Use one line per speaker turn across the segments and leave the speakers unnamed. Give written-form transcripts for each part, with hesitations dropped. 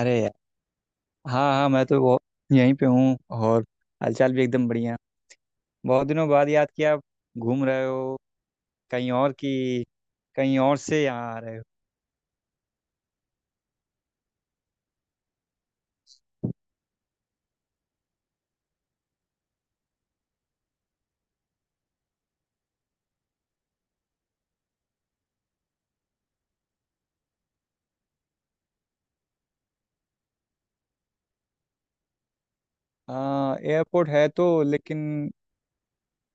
अरे यार। हाँ हाँ, मैं तो वो यहीं पे हूँ। और हालचाल भी एकदम बढ़िया। बहुत दिनों बाद याद किया। घूम रहे हो? कहीं और की कहीं और से यहाँ आ रहे हो? हाँ एयरपोर्ट है तो, लेकिन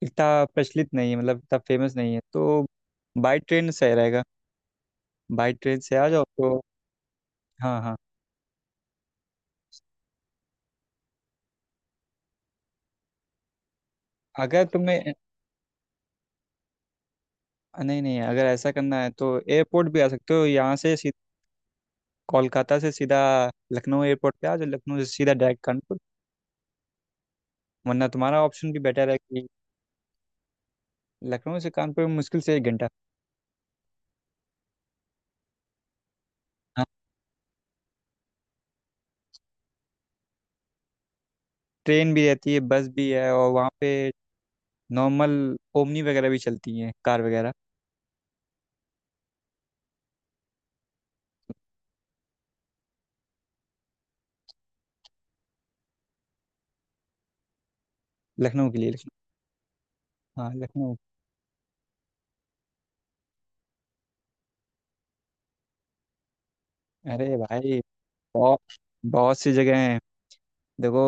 इतना प्रचलित नहीं है, मतलब इतना फेमस नहीं है, तो बाई ट्रेन सही रहेगा। बाई ट्रेन से आ जाओ तो। हाँ हाँ। अगर तुम्हें नहीं नहीं, अगर ऐसा करना है तो एयरपोर्ट भी आ सकते हो। यहाँ से सीध- कोलकाता से सीधा लखनऊ एयरपोर्ट पे आ जाओ। लखनऊ से सीधा डायरेक्ट कानपुर। वरना तुम्हारा ऑप्शन भी बेटर है। लखनऊ से कानपुर में मुश्किल से 1 घंटा। हाँ, ट्रेन भी रहती है, बस भी है, और वहाँ पे नॉर्मल ओमनी वगैरह भी चलती हैं, कार वगैरह। लखनऊ के लिए, लखनऊ। हाँ लखनऊ। अरे भाई बहुत बहुत सी जगह हैं। देखो,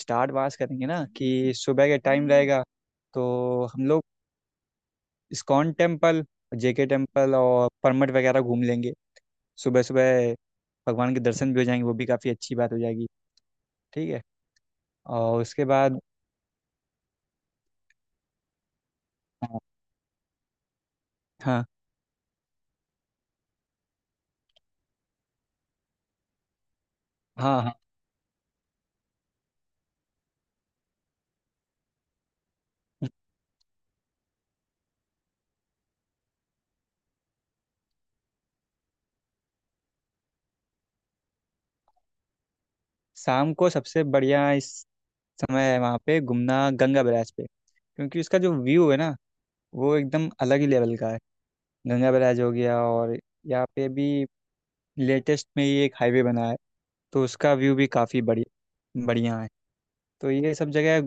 स्टार्ट वहाँ से करेंगे ना कि सुबह के टाइम रहेगा, तो हम लोग इस्कॉन टेम्पल, जेके टेम्पल और परमट वगैरह घूम लेंगे। सुबह सुबह भगवान के दर्शन भी हो जाएंगे, वो भी काफ़ी अच्छी बात हो जाएगी। ठीक है। और उसके बाद, हाँ हाँ हाँ, शाम को सबसे बढ़िया इस समय है वहाँ पे घूमना, गंगा बैराज पे। क्योंकि उसका जो व्यू है ना, वो एकदम अलग ही लेवल का है। गंगा बैराज हो गया, और यहाँ पे भी लेटेस्ट में ही एक हाईवे बना है, तो उसका व्यू भी काफ़ी बढ़िया बढ़िया है। तो ये सब जगह,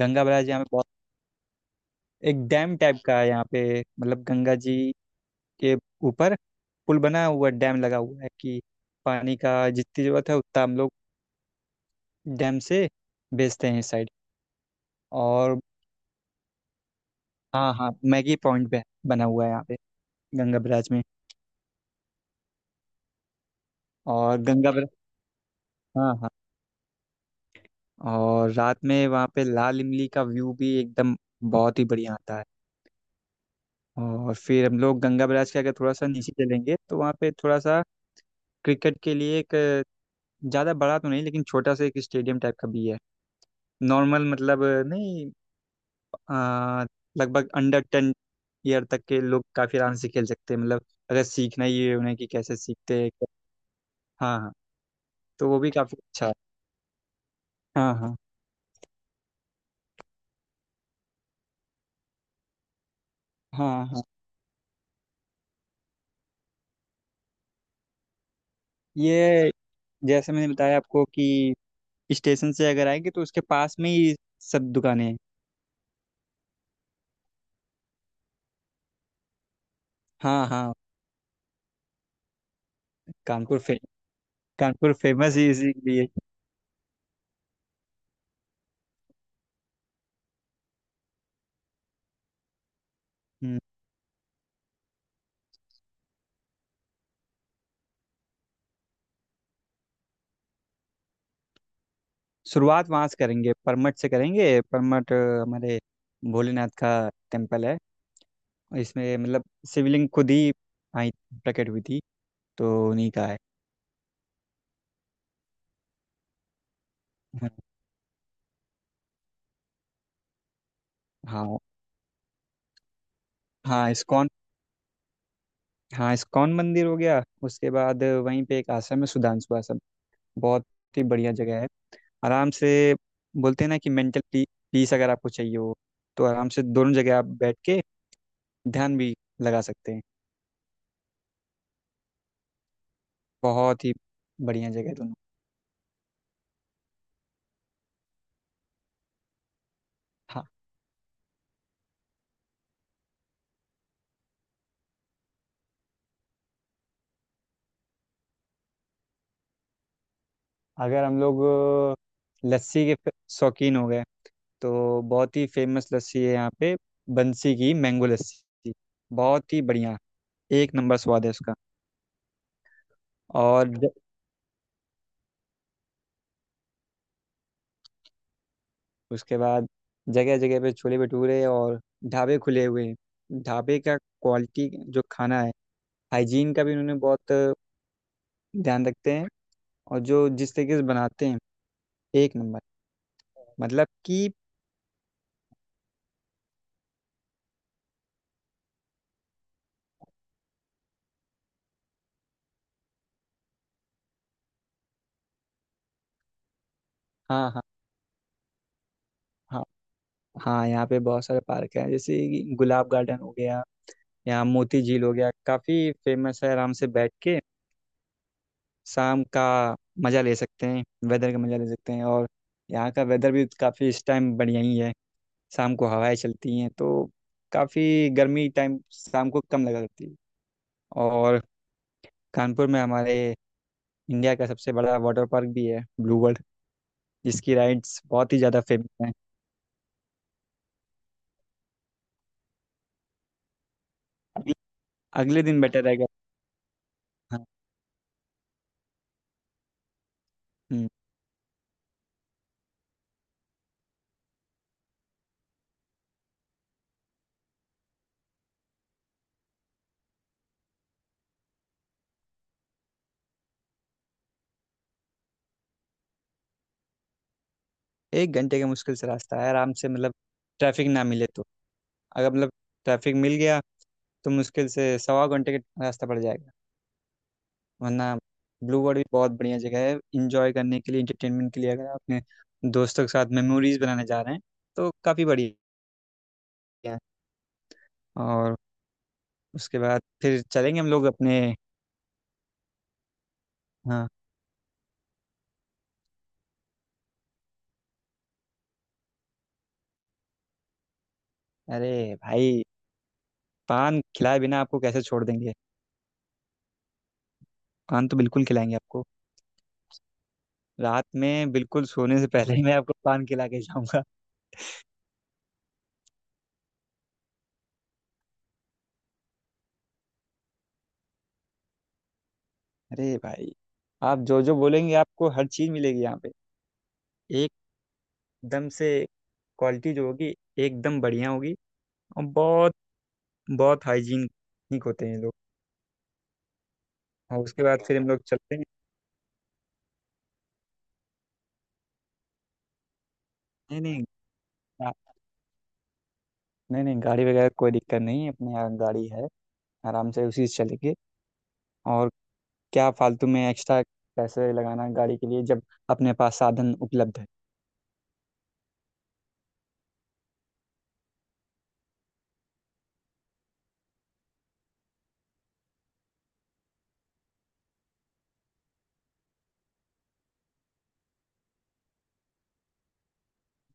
गंगा बैराज यहाँ पे बहुत, एक डैम टाइप का है यहाँ पे। मतलब गंगा जी के ऊपर पुल बना हुआ, डैम लगा हुआ है कि पानी का जितनी ज़रूरत है उतना हम लोग डैम से बेचते हैं इस साइड। और हाँ हाँ, मैगी पॉइंट पे बना हुआ है यहाँ पे, गंगा ब्रिज में। और गंगा ब्रिज, हाँ हाँ, और रात में वहाँ पे लाल इमली का व्यू भी एकदम बहुत ही बढ़िया आता है। और फिर हम लोग गंगा ब्रिज के अगर थोड़ा सा नीचे चलेंगे, तो वहाँ पे थोड़ा सा क्रिकेट के लिए एक, ज़्यादा बड़ा तो नहीं लेकिन छोटा सा एक स्टेडियम टाइप का भी है। नॉर्मल, मतलब नहीं, आ, लगभग अंडर 10 ईयर तक के लोग काफ़ी आराम से खेल सकते हैं, मतलब अगर सीखना ही है उन्हें कि कैसे सीखते हैं। हाँ हाँ, तो वो भी काफ़ी अच्छा है। हाँ हाँ। हाँ हाँ। ये जैसे मैंने बताया आपको कि स्टेशन से अगर आएंगे तो उसके पास में ही सब दुकानें हैं। हाँ हाँ। कानपुर फे कानपुर फेमस ही इसीलिए। हम्म, शुरुआत वहाँ से करेंगे, परमठ से करेंगे। परमठ हमारे भोलेनाथ का टेम्पल है। और इसमें मतलब शिवलिंग खुद ही आई, प्रकट हुई थी, तो उन्हीं का है। हाँ हाँ। हाँ, इस्कॉन, हाँ इस्कॉन मंदिर हो गया। उसके बाद वहीं पे एक आश्रम है, सुधांशु आश्रम। बहुत ही बढ़िया जगह है। आराम से, बोलते हैं ना कि मेंटल पीस अगर आपको चाहिए हो, तो आराम से दोनों जगह आप बैठ के ध्यान भी लगा सकते हैं। बहुत ही बढ़िया जगह है दोनों। हाँ। अगर हम लोग लस्सी के फ- शौकीन हो गए, तो बहुत ही फेमस लस्सी है यहाँ पे। बंसी की मैंगो लस्सी, बहुत ही बढ़िया, एक नंबर स्वाद है उसका। और ज- उसके बाद जगह जगह पे छोले भटूरे और ढाबे खुले हुए हैं। ढाबे का क्वालिटी जो खाना है, हाइजीन का भी उन्होंने बहुत ध्यान रखते हैं। और जो जिस तरीके से बनाते हैं, एक नंबर। मतलब कि, हाँ हाँ। हाँ हाँ, यहाँ पे बहुत सारे पार्क हैं, जैसे कि गुलाब गार्डन हो गया, यहाँ मोती झील हो गया, काफ़ी फेमस है। आराम से बैठ के शाम का मज़ा ले सकते हैं, वेदर का मज़ा ले सकते हैं। और यहाँ का वेदर भी काफ़ी इस टाइम बढ़िया ही है। शाम को हवाएं चलती हैं तो काफ़ी गर्मी टाइम शाम को कम लगा करती है। और कानपुर में हमारे इंडिया का सबसे बड़ा वाटर पार्क भी है, ब्लू वर्ल्ड, जिसकी राइड्स बहुत ही ज़्यादा फेमस हैं। अगले अगले दिन बेटर रहेगा। हाँ। हम्म। 1 घंटे का मुश्किल से रास्ता है। आराम से मतलब, ट्रैफिक ना मिले तो, अगर मतलब ट्रैफिक मिल गया तो मुश्किल से सवा घंटे का रास्ता पड़ जाएगा, वरना ब्लू वर्ल्ड भी बहुत बढ़िया जगह है इंजॉय करने के लिए, इंटरटेनमेंट के लिए। अगर आप अपने दोस्तों के साथ मेमोरीज बनाने जा रहे हैं तो काफ़ी बढ़िया है। और उसके बाद फिर चलेंगे हम लोग अपने। हाँ। अरे भाई, पान खिलाए बिना आपको कैसे छोड़ देंगे। पान तो बिल्कुल खिलाएंगे आपको। रात में बिल्कुल सोने से पहले ही मैं आपको पान खिला के जाऊंगा। अरे भाई, आप जो जो बोलेंगे आपको हर चीज़ मिलेगी यहाँ पे, एकदम से। क्वालिटी जो होगी एकदम बढ़िया होगी। और बहुत बहुत हाइजीनिक होते हैं ये लोग। और उसके बाद फिर हम लोग चलते हैं। नहीं नहीं, गा- नहीं नहीं, गाड़ी वगैरह कोई दिक्कत नहीं है, अपने यहाँ गाड़ी है, आराम से उसी से चलेंगे। और क्या फालतू में एक्स्ट्रा पैसे लगाना गाड़ी के लिए जब अपने पास साधन उपलब्ध है।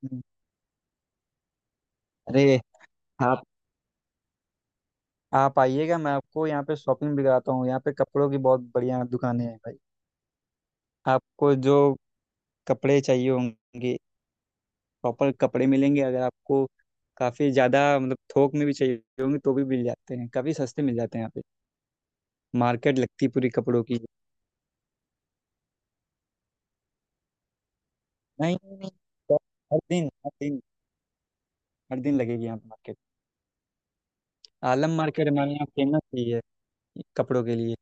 हम्म। अरे आप आप आइएगा, मैं आपको यहाँ पे शॉपिंग भी कराता हूँ। यहाँ पे कपड़ों की बहुत बढ़िया दुकानें हैं भाई। आपको जो कपड़े चाहिए होंगे, प्रॉपर कपड़े मिलेंगे। अगर आपको काफ़ी ज़्यादा मतलब थोक में भी चाहिए होंगे तो भी मिल जाते हैं, काफ़ी सस्ते मिल जाते हैं यहाँ पे, मार्केट लगती है पूरी कपड़ों की। नहीं नहीं, नहीं, तो हर दिन, हर दिन, हर दिन लगेगी यहाँ पे मार्केट। आलम मार्केट हमारे यहाँ फेमस ही है कपड़ों के लिए।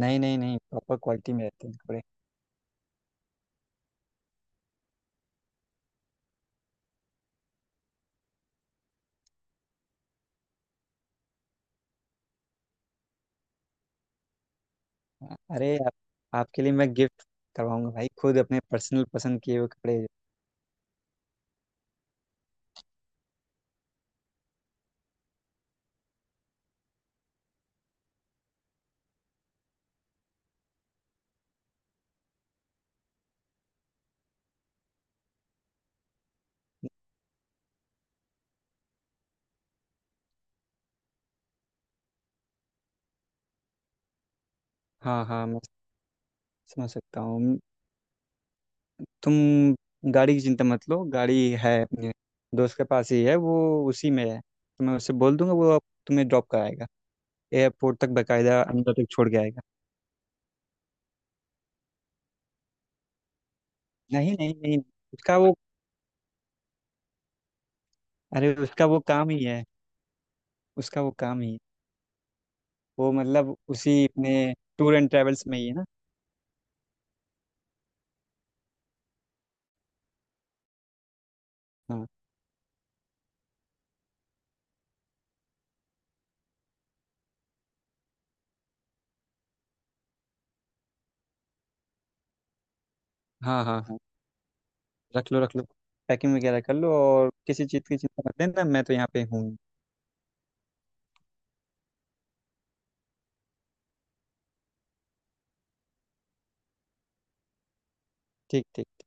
नहीं नहीं नहीं, प्रॉपर क्वालिटी में रहते हैं कपड़े। अरे आपके लिए मैं गिफ्ट करवाऊंगा भाई, खुद अपने पर्सनल पसंद किए हुए कपड़े। हाँ हाँ, मैं समझ सकता हूँ। तुम गाड़ी की चिंता मत लो, गाड़ी है अपने दोस्त के पास ही है, वो उसी में है तो मैं उससे बोल दूंगा, वो आप तुम्हें ड्रॉप कराएगा, एयरपोर्ट तक बकायदा अंदर तक छोड़ के आएगा। नहीं नहीं नहीं, उसका वो, अरे उसका वो काम ही है, उसका वो काम ही है। वो मतलब उसी अपने टूर एंड ट्रेवल्स में ही है ना। हाँ हाँ हाँ, रख लो रख लो, पैकिंग वगैरह कर लो। और किसी चीज़ की चिंता मत लेना, मैं तो यहाँ पे हूँ ही। ठीक ठीक।